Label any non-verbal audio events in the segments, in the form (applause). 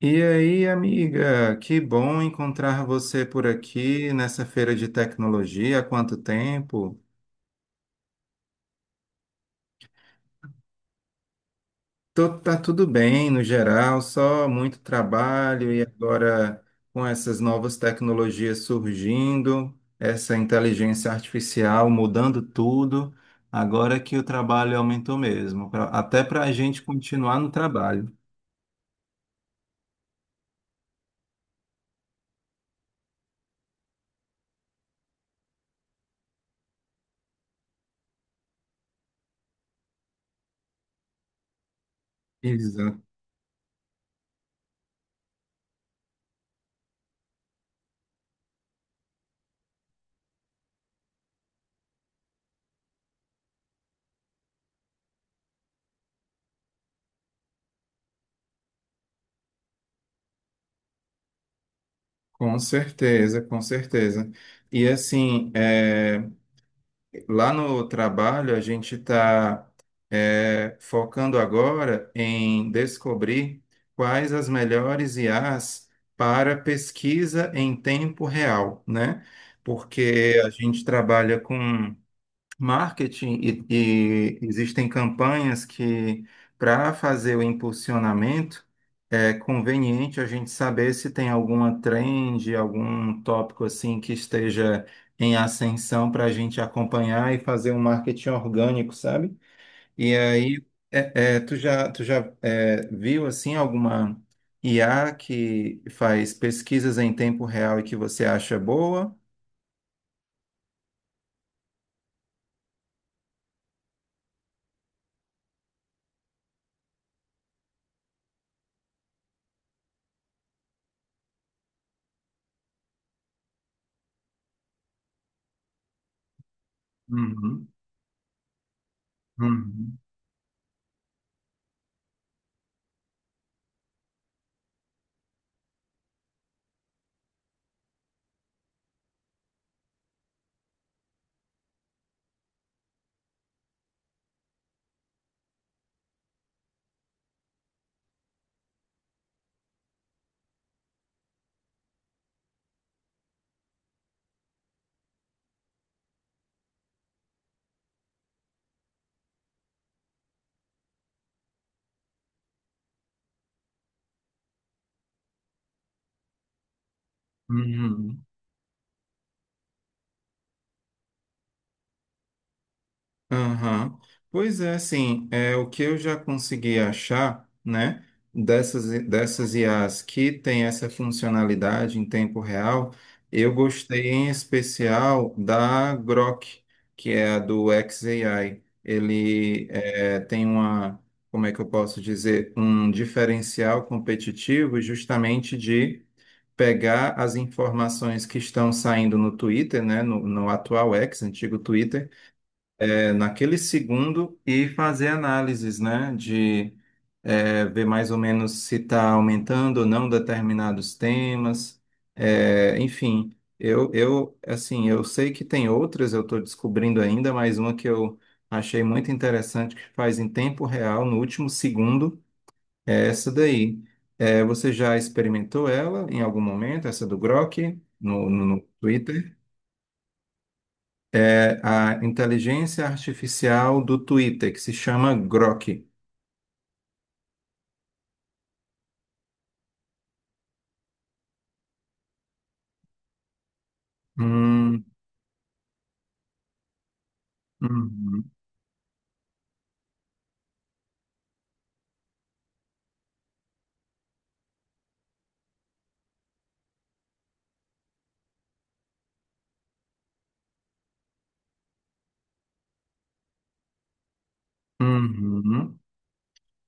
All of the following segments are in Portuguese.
E aí, amiga, que bom encontrar você por aqui nessa feira de tecnologia. Há quanto tempo? Tá tudo bem no geral, só muito trabalho e agora com essas novas tecnologias surgindo, essa inteligência artificial mudando tudo, agora que o trabalho aumentou mesmo, até para a gente continuar no trabalho. Exato. Com certeza, com certeza. E assim, lá no trabalho, a gente está focando agora em descobrir quais as melhores IAs para pesquisa em tempo real, né? Porque a gente trabalha com marketing e existem campanhas que, para fazer o impulsionamento, é conveniente a gente saber se tem alguma trend, algum tópico assim que esteja em ascensão para a gente acompanhar e fazer um marketing orgânico, sabe? E aí, tu já, viu assim alguma IA que faz pesquisas em tempo real e que você acha boa? Uhum, uhum, uhum. Aham. Pois é, assim, é, o que eu já consegui achar, né, dessas IAs que tem essa funcionalidade em tempo real, eu gostei em especial da Grok, que é a do xAI. Ele é, tem uma, como é que eu posso dizer, um diferencial competitivo justamente de pegar as informações que estão saindo no Twitter, né, no atual X, antigo Twitter, é, naquele segundo e fazer análises, né, de ver mais ou menos se está aumentando ou não determinados temas. Enfim, assim, eu sei que tem outras, eu estou descobrindo ainda, mas uma que eu achei muito interessante, que faz em tempo real, no último segundo, é essa daí. Você já experimentou ela em algum momento, essa do Grok, no Twitter? A inteligência artificial do Twitter, que se chama Grok. Hum, uhum, uhum.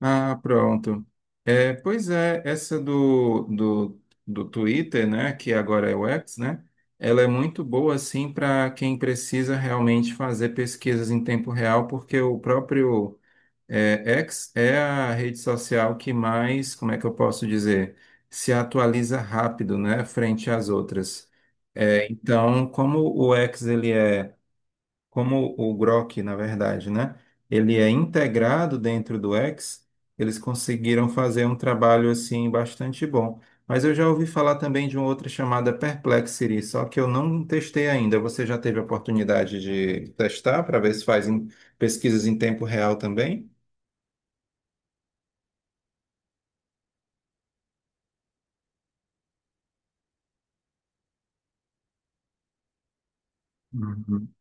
Ah, pronto. É, pois é, essa do Twitter, né, que agora é o X, né, ela é muito boa, assim, para quem precisa realmente fazer pesquisas em tempo real, porque o próprio É, X é a rede social que mais, como é que eu posso dizer, se atualiza rápido, né, frente às outras. É, então, como o X ele é, como o Grok, na verdade, né, ele é integrado dentro do X, eles conseguiram fazer um trabalho assim bastante bom. Mas eu já ouvi falar também de uma outra chamada Perplexity, só que eu não testei ainda. Você já teve a oportunidade de testar para ver se faz pesquisas em tempo real também? Uhum.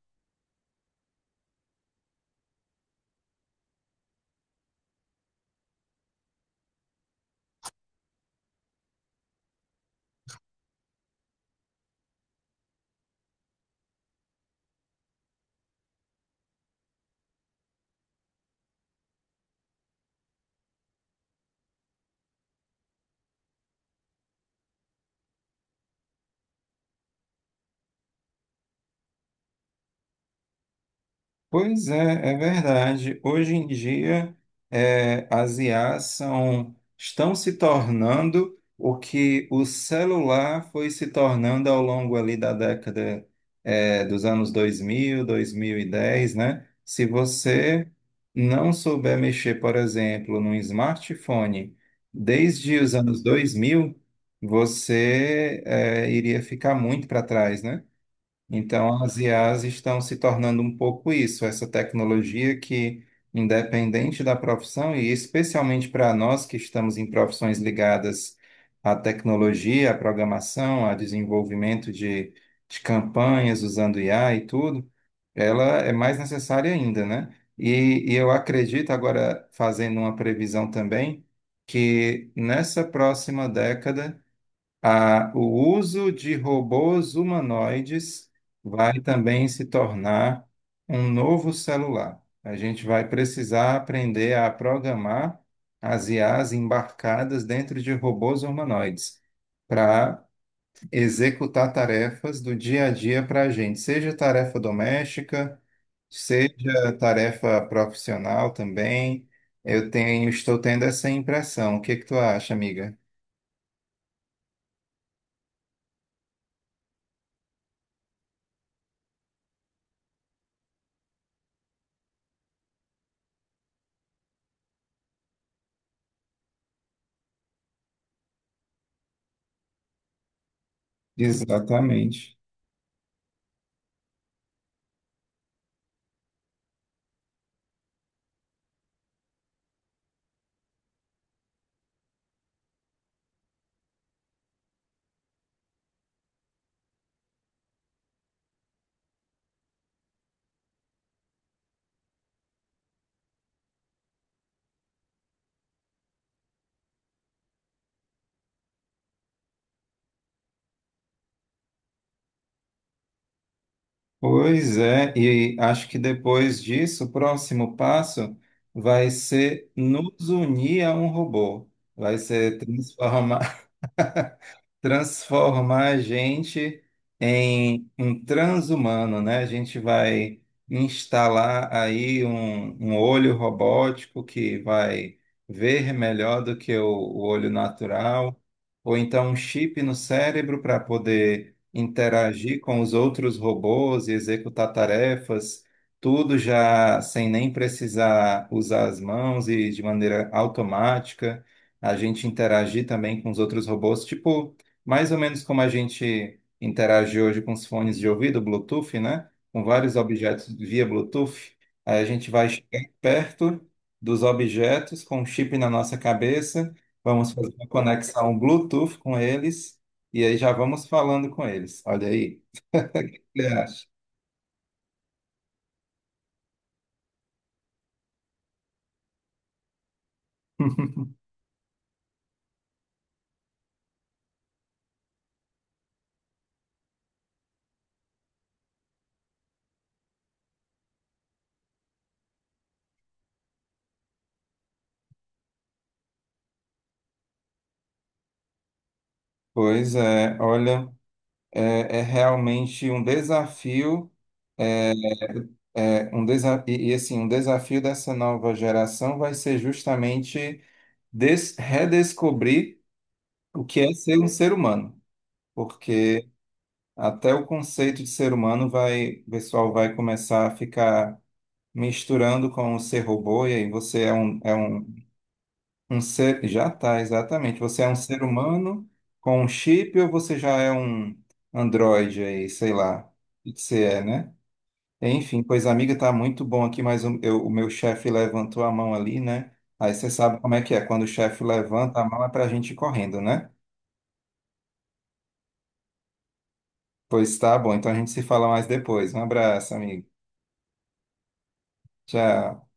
Pois é, é verdade. Hoje em dia, é, as IAs são, estão se tornando o que o celular foi se tornando ao longo ali da década, é, dos anos 2000, 2010, né? Se você não souber mexer, por exemplo, num smartphone desde os anos 2000, você, é, iria ficar muito para trás, né? Então, as IAs estão se tornando um pouco isso, essa tecnologia que, independente da profissão, e especialmente para nós que estamos em profissões ligadas à tecnologia, à programação, ao desenvolvimento de campanhas usando IA e tudo, ela é mais necessária ainda, né? E eu acredito, agora fazendo uma previsão também, que nessa próxima década o uso de robôs humanoides vai também se tornar um novo celular. A gente vai precisar aprender a programar as I as embarcadas dentro de robôs humanoides para executar tarefas do dia a dia para a gente, seja tarefa doméstica, seja tarefa profissional também. Estou tendo essa impressão. O que que tu acha, amiga? Exatamente. Pois é, e acho que depois disso, o próximo passo vai ser nos unir a um robô. Vai ser transformar a gente em um transhumano, né? A gente vai instalar aí um olho robótico que vai ver melhor do que o olho natural, ou então um chip no cérebro para poder interagir com os outros robôs e executar tarefas. Tudo já sem nem precisar usar as mãos e de maneira automática, a gente interagir também com os outros robôs, tipo mais ou menos como a gente interage hoje com os fones de ouvido, Bluetooth, né? Com vários objetos via Bluetooth, aí a gente vai chegar perto dos objetos com um chip na nossa cabeça, vamos fazer uma conexão Bluetooth com eles e aí já vamos falando com eles. Olha aí, o que você acha? (laughs) Pois é, olha, é, é realmente um desafio, é, um desa e, assim, um desafio dessa nova geração vai ser justamente redescobrir o que é ser um ser humano, porque até o conceito de ser humano vai, o pessoal vai começar a ficar misturando com o ser robô, e aí você é um, um ser, já tá, exatamente, você é um ser humano com um chip ou você já é um androide aí, sei lá, o que você é, né? Enfim, pois amiga, tá muito bom aqui, mas o, o meu chefe levantou a mão ali, né? Aí você sabe como é que é, quando o chefe levanta a mão é pra gente ir correndo, né? Pois tá bom, então a gente se fala mais depois. Um abraço, amigo. Tchau.